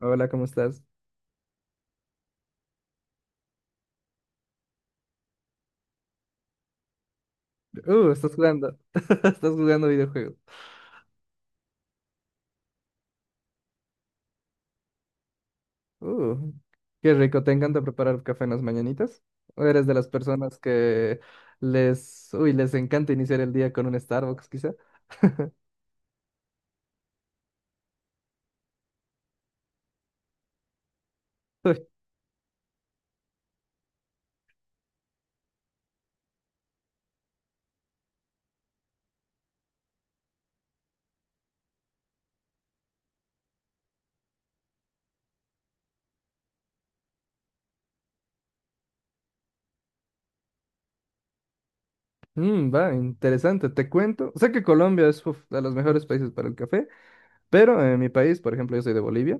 Hola, ¿cómo estás? Estás jugando. Estás jugando videojuegos. Uh, Qué rico. ¿Te encanta preparar café en las mañanitas? ¿O eres de las personas que les encanta iniciar el día con un Starbucks, quizá? Uy, va, interesante. Te cuento. Sé que Colombia es uf, de los mejores países para el café, pero en mi país, por ejemplo, yo soy de Bolivia.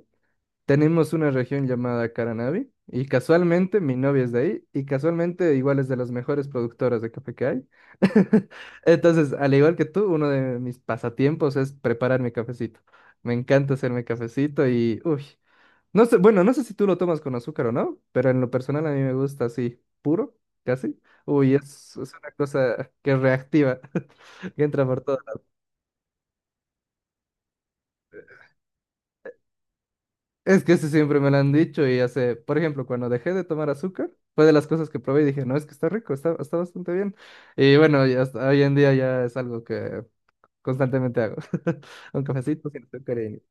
Tenemos una región llamada Caranavi y casualmente mi novia es de ahí y casualmente igual es de las mejores productoras de café que hay. Entonces, al igual que tú, uno de mis pasatiempos es preparar mi cafecito. Me encanta hacerme cafecito y, uy, no sé, bueno, no sé si tú lo tomas con azúcar o no, pero en lo personal a mí me gusta así, puro, casi. Uy, es una cosa que reactiva, que entra por todo. Es que eso siempre me lo han dicho y hace, por ejemplo, cuando dejé de tomar azúcar, fue de las cosas que probé y dije, no, es que está rico, está bastante bien. Y bueno, y hasta hoy en día ya es algo que constantemente hago. Un cafecito sin azúcar y...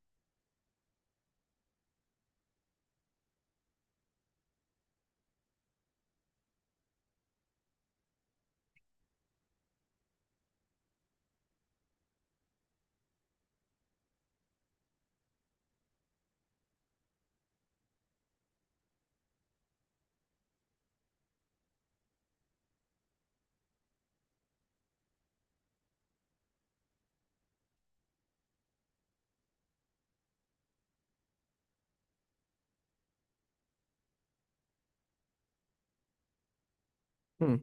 Mm.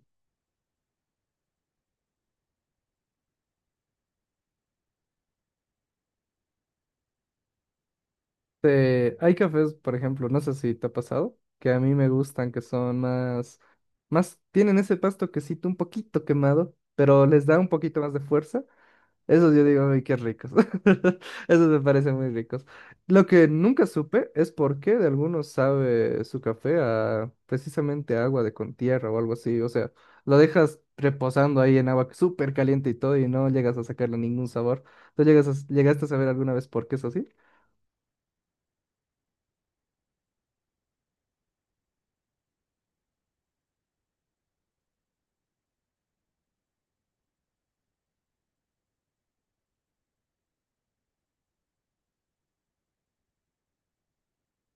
Hay cafés, por ejemplo, no sé si te ha pasado, que a mí me gustan, que son más, tienen ese pasto quesito un poquito quemado, pero les da un poquito más de fuerza. Esos yo digo, uy, qué ricos. Esos me parecen muy ricos. Lo que nunca supe es por qué de algunos sabe su café a precisamente agua de con tierra o algo así. O sea, lo dejas reposando ahí en agua súper caliente y todo y no llegas a sacarle ningún sabor. ¿Tú llegas llegaste a saber alguna vez por qué es así?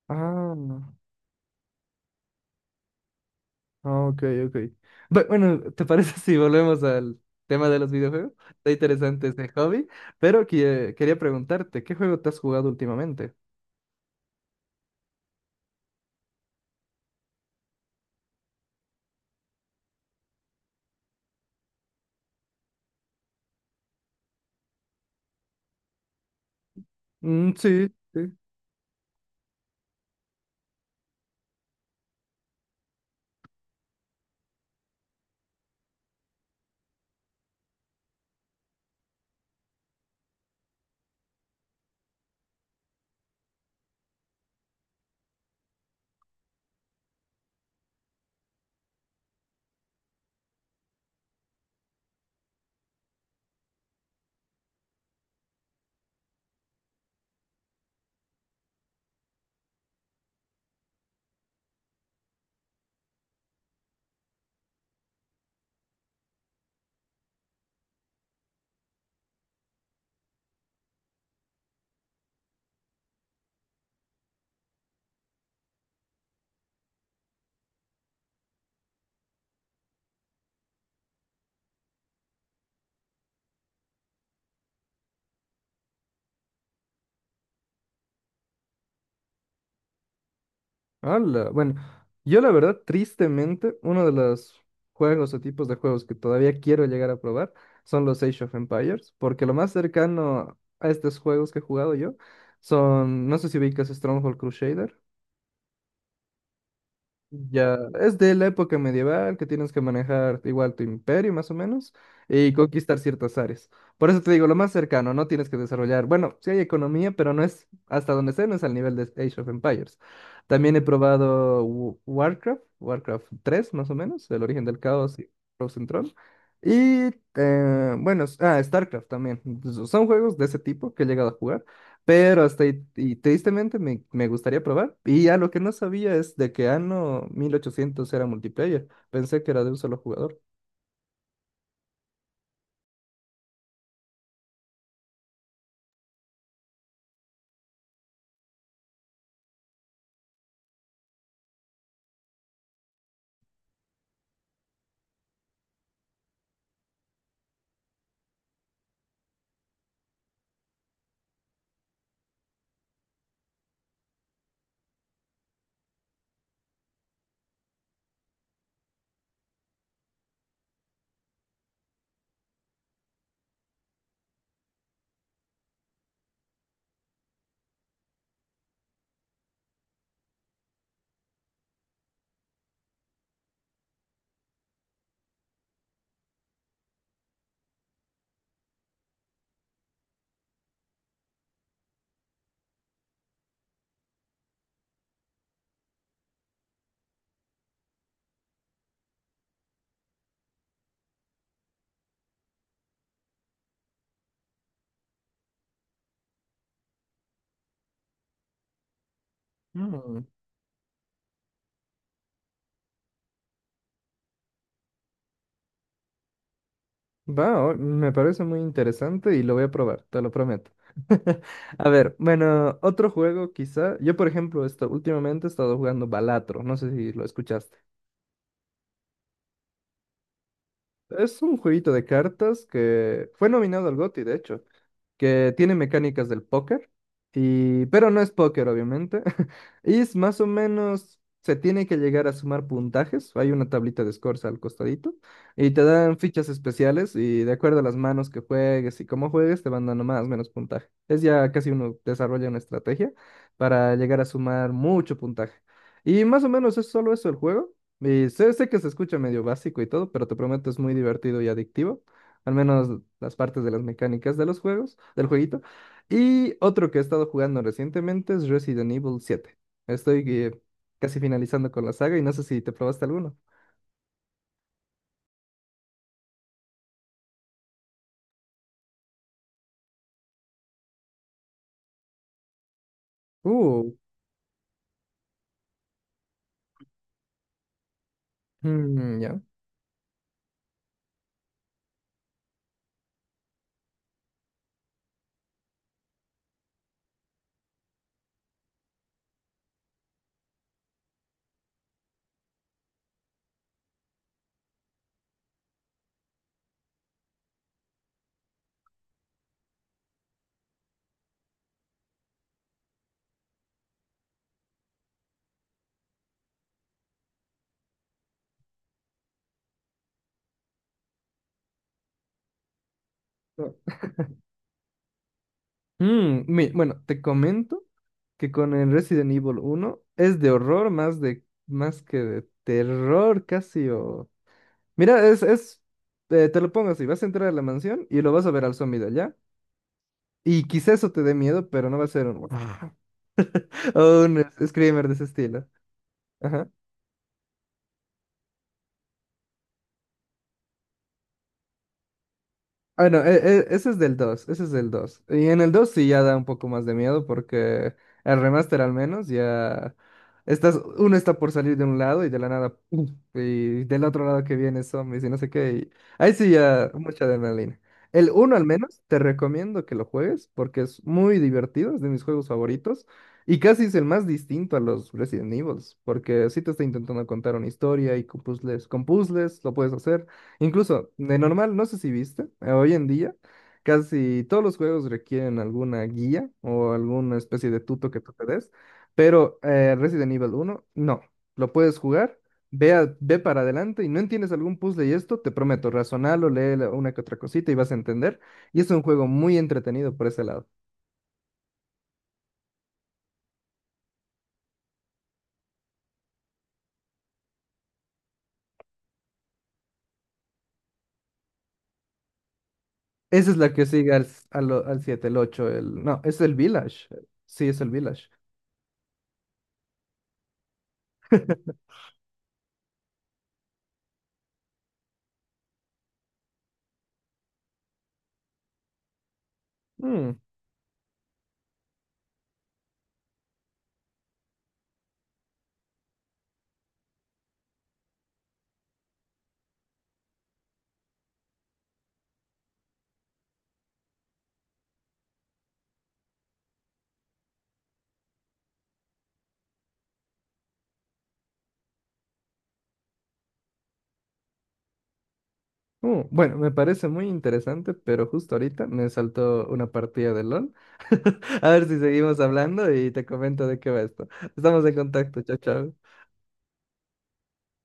Ah, no. Ah, ok, ok. Bueno, ¿te parece si volvemos al tema de los videojuegos? Está interesante este hobby, pero quería preguntarte, ¿qué juego te has jugado últimamente? Mm, sí, sí. Ala, bueno, yo la verdad, tristemente, uno de los juegos o tipos de juegos que todavía quiero llegar a probar son los Age of Empires, porque lo más cercano a estos juegos que he jugado yo son, no sé si ubicas Stronghold Crusader. Ya, es de la época medieval que tienes que manejar igual tu imperio más o menos y conquistar ciertas áreas. Por eso te digo, lo más cercano, no tienes que desarrollar, bueno, sí hay economía, pero no es, hasta donde sé, no es al nivel de Age of Empires. También he probado Warcraft, Warcraft 3 más o menos, El origen del caos y Frozen Throne. Y StarCraft también. Son juegos de ese tipo que he llegado a jugar. Pero hasta ahí, y tristemente me gustaría probar. Y ya lo que no sabía es de que Anno 1800 era multiplayer. Pensé que era de un solo jugador. Mm, Va, me parece muy interesante y lo voy a probar, te lo prometo. A ver, bueno, otro juego quizá. Yo, por ejemplo, esto, últimamente he estado jugando Balatro, no sé si lo escuchaste. Es un jueguito de cartas que fue nominado al GOTY, de hecho, que tiene mecánicas del póker, y, pero no es póker, obviamente. Y es más o menos, se tiene que llegar a sumar puntajes. Hay una tablita de scores al costadito, y te dan fichas especiales, y de acuerdo a las manos que juegues y cómo juegues, te van dando más o menos puntaje. Es ya casi uno desarrolla una estrategia para llegar a sumar mucho puntaje. Y más o menos es solo eso el juego. Y sé que se escucha medio básico y todo, pero te prometo es muy divertido y adictivo, al menos las partes de las mecánicas de los juegos, del jueguito. Y otro que he estado jugando recientemente es Resident Evil 7. Estoy casi finalizando con la saga y no sé si te probaste alguno. Uh, mm, ya. No. Bueno, te comento que con el Resident Evil 1 es de horror más de más que de terror casi o mira, es te lo pongo así, vas a entrar a la mansión y lo vas a ver al zombie de allá y quizá eso te dé miedo, pero no va a ser un "Guau". O un screamer de ese estilo. Ajá. Bueno, e- e- ese es del 2 ese es del 2 Y en el 2 sí ya da un poco más de miedo porque el remaster al menos ya estás, uno está por salir de un lado y de la nada, ¡pum! Y del otro lado que viene zombies y no sé qué, y ahí sí ya mucha adrenalina. El 1 al menos te recomiendo que lo juegues porque es muy divertido, es de mis juegos favoritos. Y casi es el más distinto a los Resident Evil, porque sí te está intentando contar una historia y con puzzles lo puedes hacer. Incluso, de normal, no sé si viste, hoy en día casi todos los juegos requieren alguna guía o alguna especie de tuto que tú te des, pero Resident Evil 1, no, lo puedes jugar, ve, ve para adelante y no entiendes algún puzzle y esto, te prometo, razonalo, lee una que otra cosita y vas a entender, y es un juego muy entretenido por ese lado. Esa es la que sigue al, s- al, o- al 7, el 8, el... No, es el Village, sí, es el Village. Bueno, me parece muy interesante, pero justo ahorita me saltó una partida de LOL. A ver si seguimos hablando y te comento de qué va esto. Estamos en contacto, chao, chao.